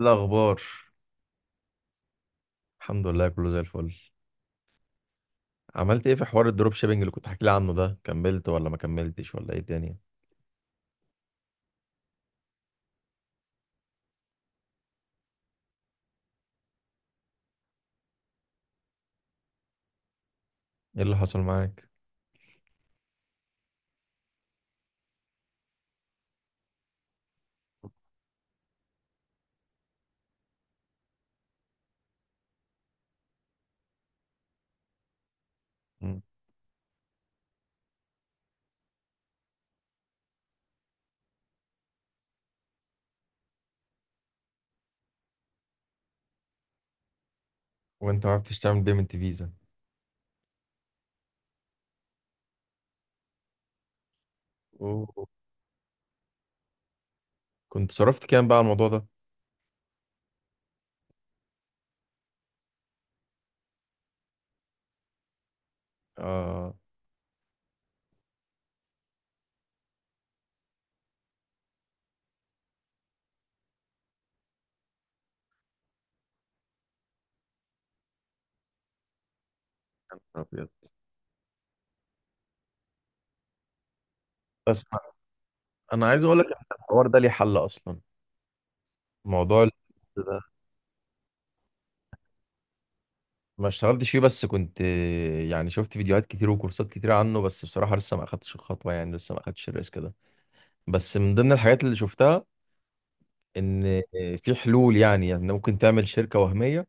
إيه الأخبار؟ الحمد لله، كله زي الفل. عملت ايه في حوار الدروب شيبينج اللي كنت حكي لي عنه ده؟ كملت ولا ما كملتش ولا ايه الدنيا؟ ايه اللي حصل معاك؟ مم. وانت ما عرفتش تعمل بيمنت فيزا؟ أوه. كنت صرفت كام بقى على الموضوع ده؟ اه. ابيض. بس انا عايز اقول لك إن الحوار ده ليه حل اصلا. موضوع ال- ده ما اشتغلتش فيه بس كنت، يعني شفت فيديوهات كتير وكورسات كتير عنه، بس بصراحة لسه ما اخدتش الخطوة، يعني لسه ما اخدتش الريسك ده. بس من ضمن الحاجات اللي شفتها ان في حلول، يعني ممكن تعمل شركه وهميه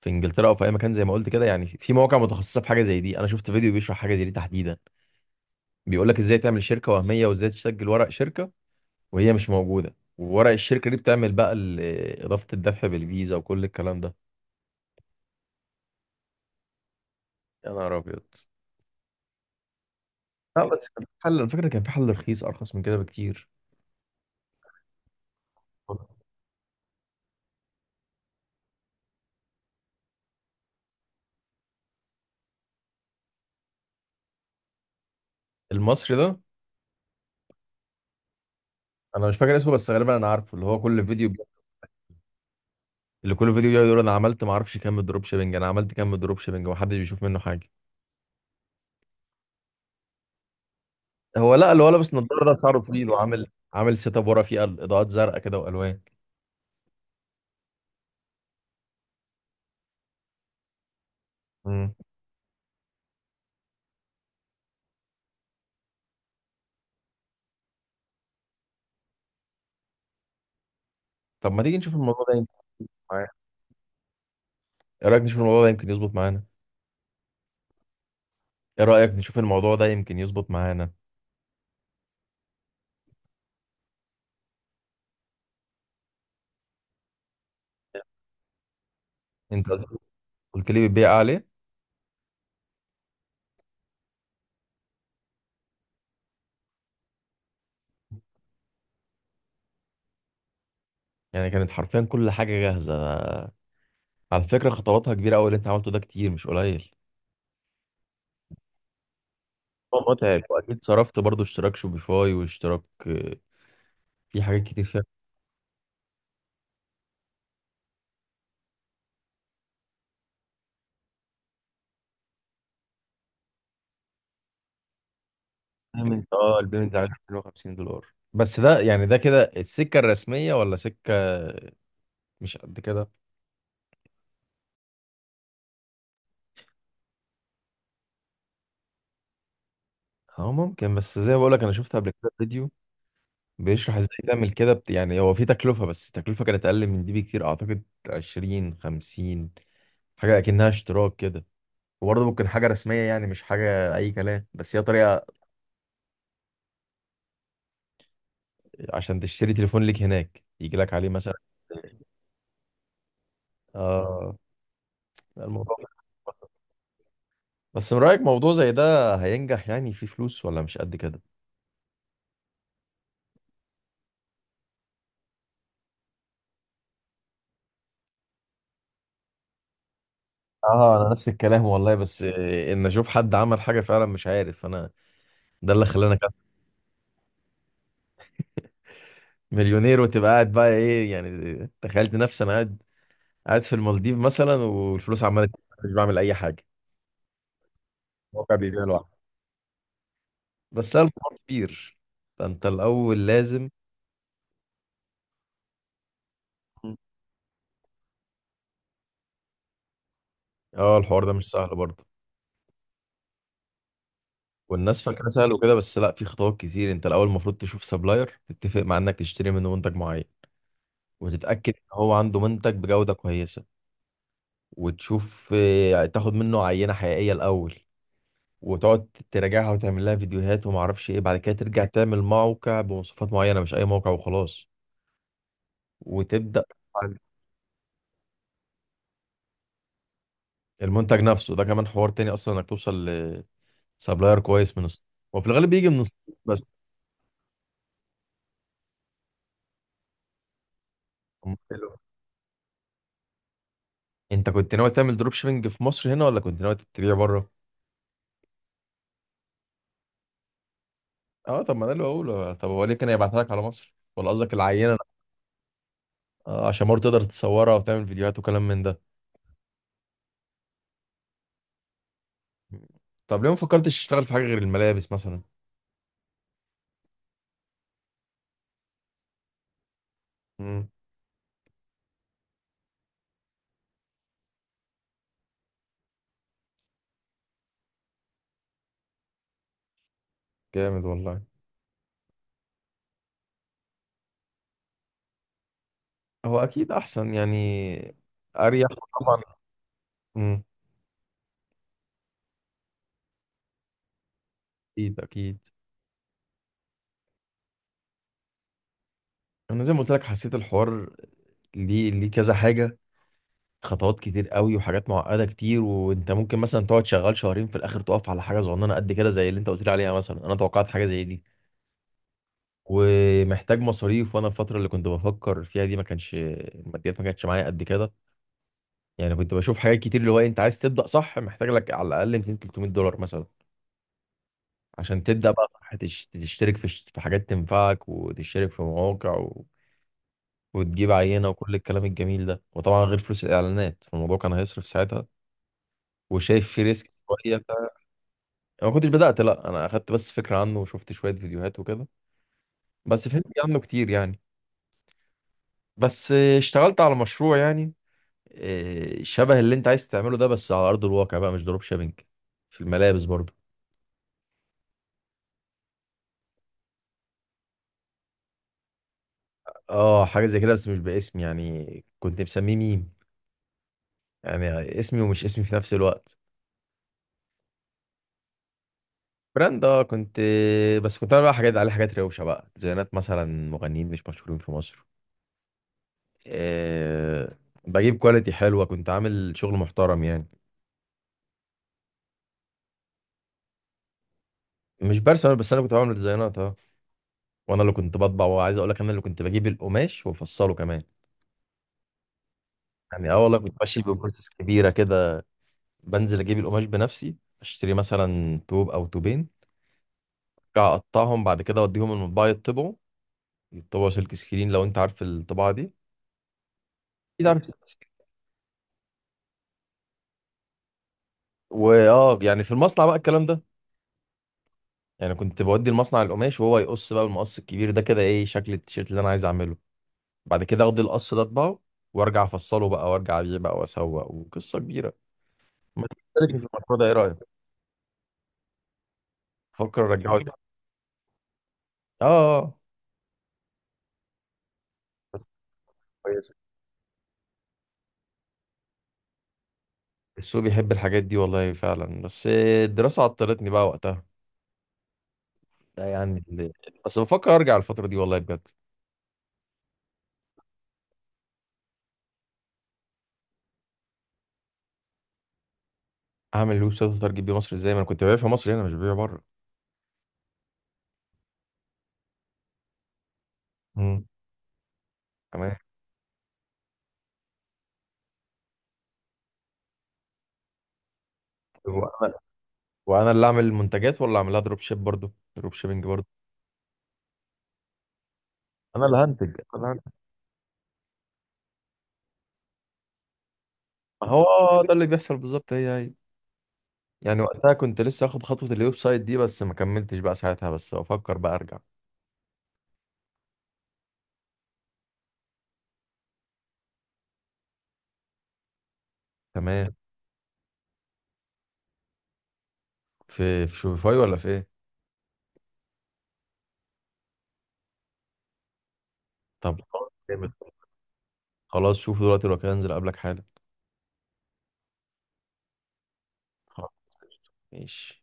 في انجلترا او في اي مكان زي ما قلت كده، يعني في مواقع متخصصه في حاجه زي دي. انا شفت فيديو بيشرح حاجه زي دي تحديدا، بيقول لك ازاي تعمل شركه وهميه وازاي تسجل ورق شركه وهي مش موجوده، وورق الشركه دي بتعمل بقى اضافه الدفع بالفيزا وكل الكلام ده. يا نهار ابيض. لا بس كان في حل، الفكره كان في حل رخيص، ارخص من كده بكتير. المصري ده؟ انا مش فاكر اسمه بس غالبا انا عارفه، اللي هو كل اللي كل فيديو بيقعد يقول انا عملت ما اعرفش كام دروب شيبنج، انا عملت كام دروب شيبنج ومحدش بيشوف منه حاجه. هو لا، اللي هو لابس نضاره ده شعره طويل، وعامل سيت اب ورا فيه اضاءات زرقاء كده والوان. امم. طب ما تيجي نشوف الموضوع ده يمكن معانا؟ ايه رايك نشوف الموضوع ده يمكن يظبط معانا؟ ايه رايك نشوف الموضوع ده يمكن يظبط معانا؟ انت قلت لي بتبيع عليه؟ يعني كانت حرفيا كل حاجه جاهزه، على فكره خطواتها كبيره قوي اللي انت عملته ده، كتير مش قليل. هو متعب واكيد صرفت برضو اشتراك شوبيفاي واشتراك في حاجات كتير فيها. البيمنت اه، البيمنت ده عايز 250 دولار. بس ده يعني ده كده السكه الرسميه ولا سكه مش قد كده؟ اه ممكن. بس زي ما بقولك انا شفت قبل كده فيديو بيشرح ازاي تعمل كده يعني هو في تكلفة، بس التكلفة كانت اقل من دي بكتير اعتقد، 20 50، حاجة اكنها اشتراك كده. وبرضه ممكن حاجة رسمية، يعني مش حاجة اي كلام، بس هي طريقة عشان تشتري تليفون ليك هناك يجي لك عليه مثلا. اه. الموضوع بس من رأيك موضوع زي ده هينجح؟ يعني في فلوس ولا مش قد كده؟ اه انا نفس الكلام والله، بس ان اشوف حد عمل حاجة فعلا مش عارف انا. ده اللي خلاني. مليونير وتبقى قاعد بقى ايه، يعني تخيلت نفسي انا قاعد في المالديف مثلا، والفلوس عماله تجيلي، مش بعمل اي حاجه. الواقع بيبيع لوحده. بس لا، الموضوع كبير، فانت الاول لازم. مم. اه، الحوار ده مش سهل برضه. والناس فاكره سهل وكده، بس لا، في خطوات كتير. انت الاول المفروض تشوف سبلاير تتفق مع انك تشتري منه منتج معين، وتتاكد ان هو عنده منتج بجوده كويسه، وتشوف، تاخد منه عينه حقيقيه الاول، وتقعد تراجعها وتعمل لها فيديوهات وما اعرفش ايه. بعد كده ترجع تعمل موقع بمواصفات معينه، مش اي موقع وخلاص، وتبدا. المنتج نفسه ده كمان حوار تاني اصلا، انك توصل لسبلاير كويس من الصين. وفي الغالب بيجي من الصين بس. حلو. انت كنت ناوي تعمل دروب شيبنج في مصر هنا ولا كنت ناوي تبيع بره؟ اه. طب ما ده اللي بقوله، طب هو ليه كان يبعتها لك على مصر؟ ولا قصدك العينه؟ آه، عشان برضه تقدر تصورها وتعمل فيديوهات وكلام من ده. طب ليه ما فكرتش تشتغل في حاجه غير الملابس مثلا؟ امم. جامد والله. هو اكيد احسن يعني، اريح. طبعا. مم. اكيد اكيد. انا زي ما قلت لك حسيت الحوار ليه كذا حاجه، خطوات كتير قوي وحاجات معقده كتير. وانت ممكن مثلا تقعد شغال شهرين في الاخر تقف على حاجه صغننه قد كده زي اللي انت قلت لي عليها مثلا. انا توقعت حاجه زي دي ومحتاج مصاريف. وانا الفتره اللي كنت بفكر فيها دي ما كانش الماديات ما كانتش معايا قد كده. يعني كنت بشوف حاجات كتير، اللي هو انت عايز تبدا صح، محتاج لك على الاقل 200 300 دولار مثلا عشان تبدأ بقى، تشترك في في حاجات تنفعك، وتشترك في مواقع وتجيب عينة وكل الكلام الجميل ده. وطبعا غير فلوس الإعلانات، فالموضوع كان هيصرف ساعتها. وشايف في ريسك شوية أنا ما كنتش بدأت، لا أنا أخدت بس فكرة عنه وشفت شوية فيديوهات وكده، بس فهمت عنه كتير يعني. بس اشتغلت على مشروع يعني، شبه اللي أنت عايز تعمله ده بس على أرض الواقع بقى، مش دروب شيبينج، في الملابس برضه. اه حاجة زي كده، بس مش باسمي، يعني كنت مسميه ميم، يعني اسمي ومش اسمي في نفس الوقت. براند اه، كنت. بس كنت بعمل بقى حاجات عليه، حاجات روشه بقى، ديزاينات مثلا مغنيين مش مشهورين في مصر. أه. بجيب كواليتي حلوه، كنت عامل شغل محترم يعني. مش برسم أنا، بس انا كنت بعمل ديزاينات اه. وانا اللي كنت بطبع. وعايز اقول لك انا اللي كنت بجيب القماش وافصله كمان، يعني اه والله كنت ماشي ببروسيس كبيره كده. بنزل اجيب القماش بنفسي، اشتري مثلا توب او توبين، أرجع اقطعهم بعد كده، اوديهم المطبعه يطبعوا سلك سكرين، لو انت عارف الطباعه دي اكيد عارف سلك سكرين. واه يعني في المصنع بقى الكلام ده. يعني كنت بودي المصنع القماش وهو يقص بقى بالمقص الكبير ده كده، ايه شكل التيشيرت اللي انا عايز اعمله. بعد كده اخد القص ده اطبعه، وارجع افصله بقى، وارجع ابيع بقى واسوق. وقصه كبيره. ما تختلفي في المشروع ده، ايه رايك؟ فكر ارجعه تاني. اه. آه. بس كويس. السوق بيحب الحاجات دي والله فعلا، بس الدراسه عطلتني بقى وقتها. ده يعني بس بفكر ارجع الفتره دي والله بجد. اعمل الويب سايت واترجم بيه مصر ازاي؟ ما انا كنت ببيع في مصر هنا مش ببيع بره. امم. تمام. وانا وأنا اللي اعمل المنتجات ولا اعملها دروب شيب برضه، دروب شيبنج برضه. انا اللي هنتج، انا اللي هنتج. ما هو ده اللي بيحصل بالظبط، هي هي. يعني وقتها كنت لسه اخد خطوة الويب سايت دي، بس ما كملتش بقى ساعتها، بس بفكر بقى ارجع. تمام. في شوفيفاي ولا في ايه؟ طب. جامد. خلاص شوف دلوقتي، لو كده انزل اقابلك حالا. خلاص، ماشي.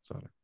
سلام.